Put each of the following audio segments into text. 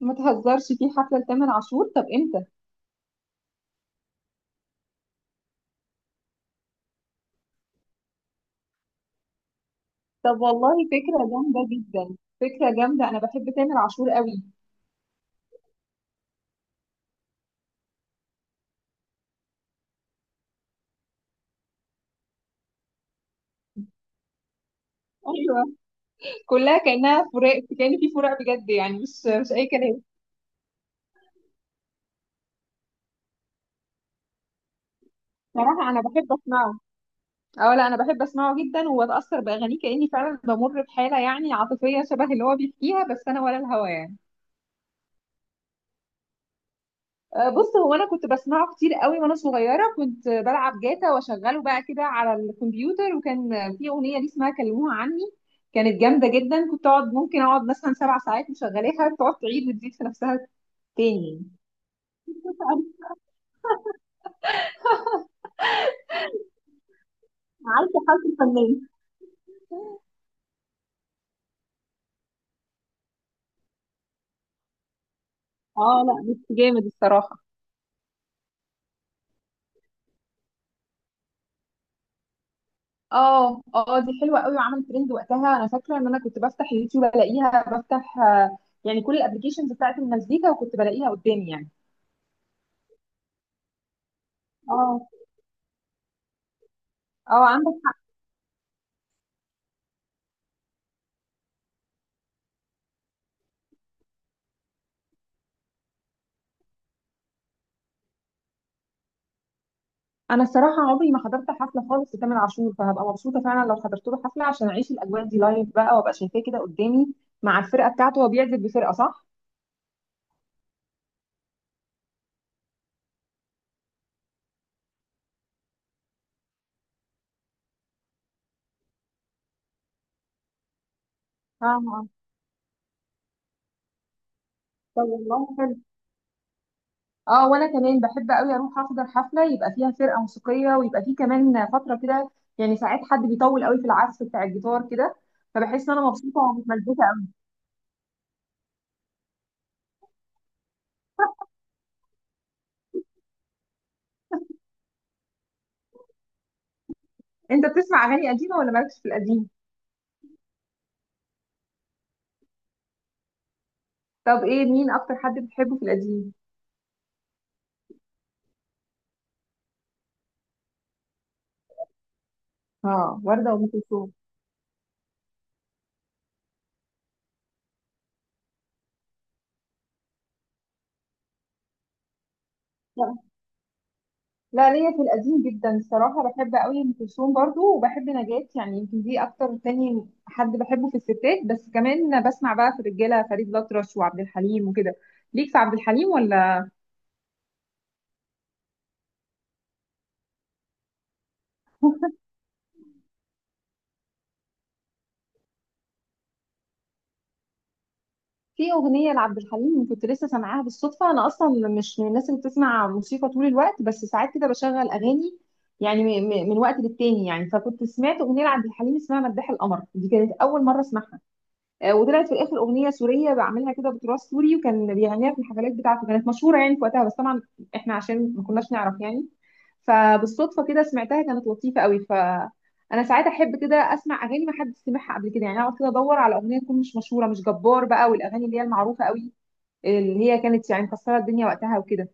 ما تهزرش في حفلة لتامر عاشور، طب امتى؟ طب والله فكرة جامدة جدا، فكرة جامدة، انا بحب تامر عاشور قوي. ايوه. كلها كأنها فراق، كأن في فراق بجد يعني، مش اي كلام. صراحة انا بحب اسمعه. اه لا انا بحب اسمعه جدا وبتأثر بأغانيه كأني فعلا بمر بحالة يعني عاطفية شبه اللي هو بيحكيها، بس انا ولا الهوى. بص هو انا كنت بسمعه كتير قوي وانا صغيره، كنت بلعب جاتا واشغله بقى كده على الكمبيوتر، وكان في اغنيه ليه اسمها كلموها عني، كانت جامده جدا. كنت اقعد ممكن اقعد مثلا 7 ساعات مشغلاها، تقعد تعيد وتزيد في نفسها. تاني. عارفه حالة الفنان. اه لا بس جامد الصراحه. اه اه دي حلوه قوي وعملت ترند وقتها، انا فاكره ان انا كنت بفتح اليوتيوب الاقيها، بفتح يعني كل الابلكيشنز بتاعت المزيكا وكنت بلاقيها قدامي يعني. اه اه عندك. انا الصراحه عمري ما حضرت حفله خالص لتامر عاشور، فهبقى مبسوطه فعلا لو حضرت له حفله عشان اعيش الاجواء دي لايف بقى وابقى شايفاه كده قدامي مع الفرقه بتاعته. هو بيعزف بفرقه صح؟ اه. آه. طب والله حلو. اه وانا كمان بحب قوي اروح احضر حفله يبقى فيها فرقه موسيقيه، ويبقى فيه كمان فتره كده، يعني ساعات حد بيطول قوي في العزف بتاع الجيتار كده، فبحس ان انا مبسوطه ومتمزجه قوي. انت بتسمع اغاني قديمه ولا مالكش في القديم؟ طب ايه مين اكتر حد بتحبه في القديم؟ اه ورده وام كلثوم. لا ليا في القديم جدا الصراحة، بحب قوي ام كلثوم برضو وبحب نجاة، يعني يمكن دي اكتر تاني حد بحبه في الستات، بس كمان بسمع بقى في الرجالة فريد الأطرش وعبد الحليم وكده. ليك في عبد الحليم ولا؟ في أغنية لعبد الحليم كنت لسه سامعاها بالصدفة، أنا أصلا مش من الناس اللي بتسمع موسيقى طول الوقت، بس ساعات كده بشغل أغاني يعني من وقت للتاني يعني، فكنت سمعت أغنية لعبد الحليم اسمها مداح القمر، دي كانت أول مرة أسمعها. وطلعت في الاخر اغنيه سوريه، بعملها كده بتراث سوري، وكان بيغنيها في الحفلات بتاعته، كانت مشهوره يعني في وقتها، بس طبعا احنا عشان ما كناش نعرف يعني. فبالصدفه كده سمعتها، كانت لطيفه قوي، فانا ساعات احب كده اسمع اغاني ما حد سمعها قبل كده، يعني اقعد كده ادور على اغنيه تكون مش مشهوره، مش جبار بقى والاغاني اللي هي المعروفه قوي اللي هي كانت يعني مكسره الدنيا وقتها وكده.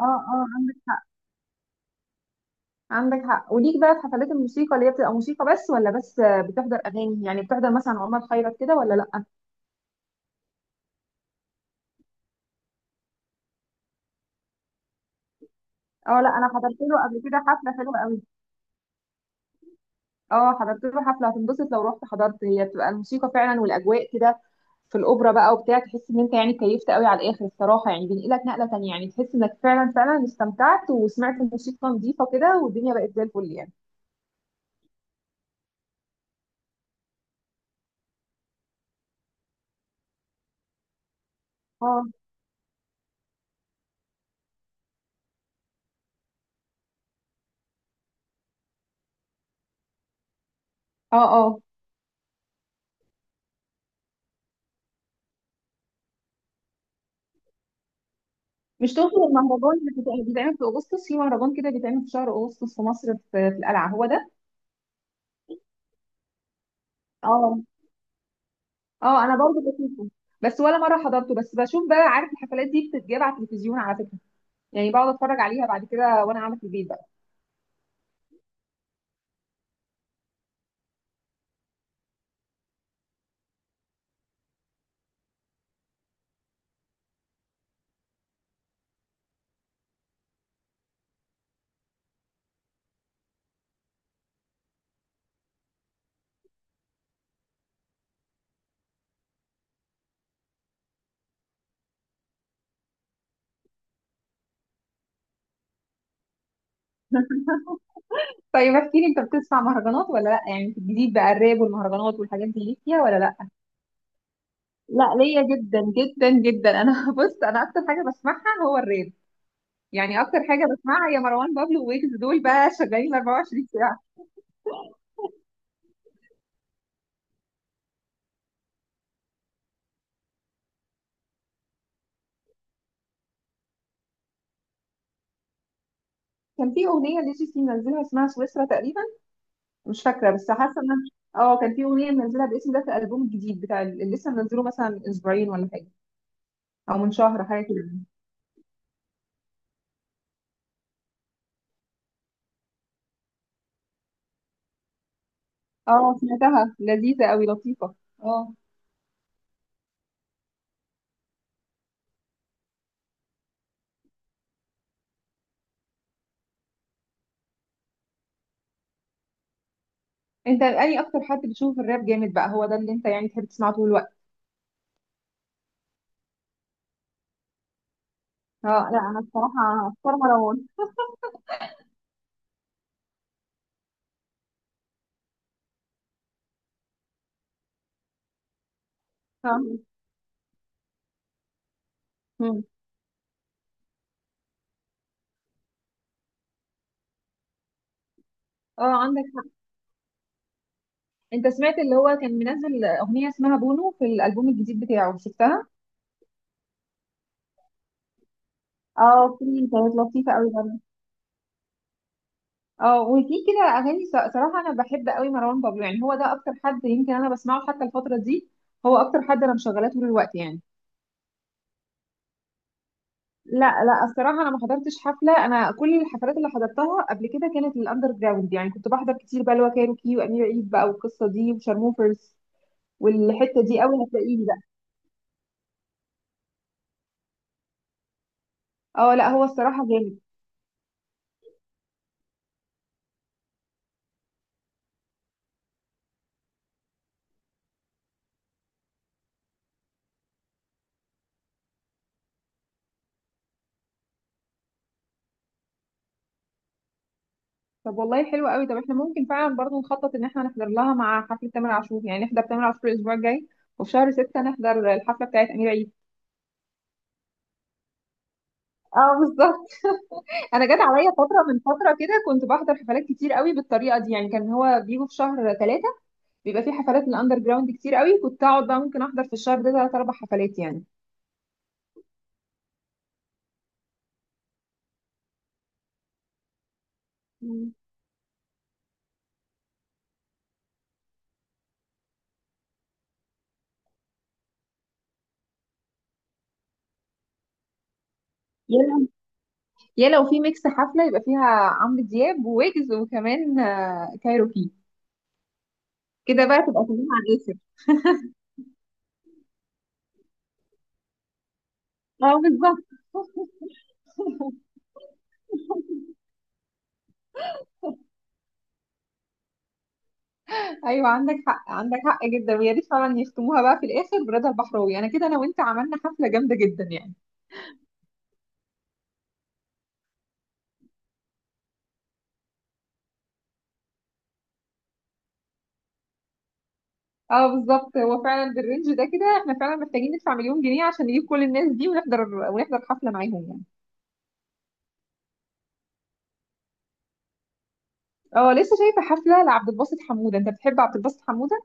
اه اه عندك حق. عندك حق. وليك بقى في حفلات الموسيقى اللي هي بتبقى موسيقى بس، ولا بس بتحضر اغاني، يعني بتحضر مثلا عمر خيرت كده، ولا لا؟ اه لا انا حضرت له قبل كده حفله حلوه قوي. اه حضرت له حفله. هتنبسط لو رحت حضرت، هي بتبقى الموسيقى فعلا والاجواء كده في الاوبرا بقى وبتاع، تحس ان انت يعني كيفت قوي على الاخر الصراحه، يعني بينقلك نقله تانية، يعني تحس انك فعلا فعلا استمتعت وسمعت الموسيقى نظيفه كده، والدنيا بقت زي الفل يعني. اه اه اه. مش تقصد المهرجان اللي بيتعمل في اغسطس؟ في مهرجان كده بيتعمل في شهر اغسطس في مصر في, في القلعه، هو ده؟ اه. اه انا برضه بشوفه، بس ولا مره حضرته، بس بشوف بقى. عارف الحفلات دي بتتجاب على التلفزيون على فكره، يعني بقعد اتفرج عليها بعد كده وانا قاعده في البيت بقى. طيب احكي لي، انت بتسمع مهرجانات ولا لا؟ يعني في الجديد بقى، الراب والمهرجانات والحاجات دي ليك فيها ولا لا؟ لا ليا جدا جدا جدا انا، بص انا اكتر حاجه بسمعها هو الراب، يعني اكتر حاجه بسمعها هي مروان بابلو ويجز، دول بقى شغالين 24 ساعه. كان في اغنيه لجي سي منزلها اسمها سويسرا تقريبا، مش فاكره بس حاسه ان اه كان في اغنيه منزلها بالاسم ده في الالبوم الجديد بتاع اللي لسه منزله مثلا من اسبوعين ولا حاجه، او من شهر حاجه كده. اه سمعتها لذيذه قوي، لطيفه. اه. انت اني اكتر حد بتشوف الراب جامد بقى، هو ده اللي انت يعني تحب تسمعه طول الوقت؟ اه لا انا الصراحه اختار مروان. اه. مم. اه عندك حق. انت سمعت اللي هو كان منزل اغنيه اسمها بونو في الالبوم الجديد بتاعه؟ شفتها؟ اه في كانت لطيفه قوي برضه. اه وفي كده اغاني صراحه انا بحب قوي مروان بابلو، يعني هو ده اكتر حد يمكن انا بسمعه حتى الفتره دي، هو اكتر حد انا مشغلاه طول الوقت يعني. لا لا الصراحه انا ما حضرتش حفله، انا كل الحفلات اللي حضرتها قبل كده كانت للاندر جراوند، يعني كنت بحضر كتير بقى اللي هو كايروكي وامير عيد بقى والقصه دي وشارموفرز، والحته دي قوي هتلاقيني بقى. اه لا هو الصراحه جامد. طب والله حلو قوي. طب احنا ممكن فعلا برضه نخطط ان احنا نحضر لها مع حفله تامر عاشور، يعني نحضر تامر عاشور الاسبوع الجاي وفي شهر 6 نحضر الحفله بتاعت امير عيد. اه بالظبط. انا جت عليا فتره من فتره كده كنت بحضر حفلات كتير قوي بالطريقه دي، يعني كان هو بيجوا في شهر 3 بيبقى في حفلات الاندر جراوند كتير قوي، كنت اقعد بقى ممكن احضر في الشهر ده 3 4 حفلات يعني. مم. يا لو، يا لو في ميكس حفله يبقى فيها عمرو دياب وويجز وكمان كايروكي، كده بقى تبقى كلها على الاخر. اه بالظبط. ايويا عندك حق، عندك حق جدا. ويا ريت فعلا يختموها بقى في الاخر برضا البحراوي، انا كده انا وانت عملنا حفله جامده جدا يعني. اه بالظبط. هو فعلا بالرينج ده كده احنا فعلا محتاجين ندفع مليون جنيه عشان نجيب كل الناس دي ونحضر ونحضر حفله معاهم يعني. اه لسه شايفه حفله لعبد الباسط حموده. انت بتحب عبد الباسط حموده؟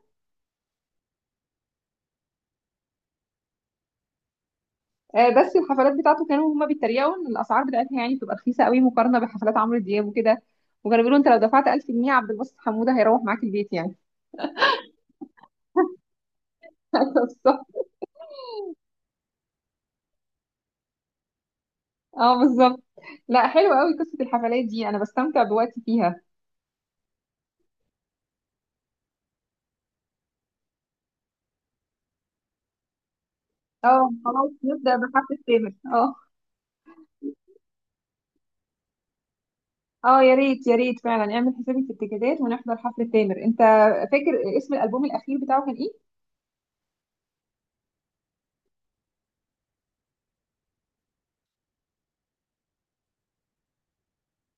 بس الحفلات بتاعته كانوا هما بيتريقوا ان الاسعار بتاعتها يعني بتبقى رخيصه قوي مقارنه بحفلات عمرو دياب وكده، وكانوا بيقولوا انت لو دفعت 1000 جنيه عبد الباسط حموده هيروح معاك البيت يعني. أيوة بالظبط. اه بالظبط. لا حلوه قوي قصه الحفلات دي، انا بستمتع بوقتي فيها. اه خلاص نبدا بحفله تامر. اه. اه يا ريت، يا ريت فعلا اعمل حسابي في التيكيتات ونحضر حفله تامر. انت فاكر اسم الالبوم الاخير بتاعه كان ايه؟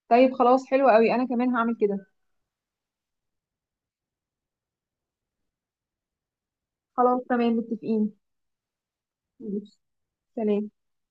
طيب خلاص حلو قوي، انا كمان هعمل كده. خلاص تمام متفقين. ماشي. سلام.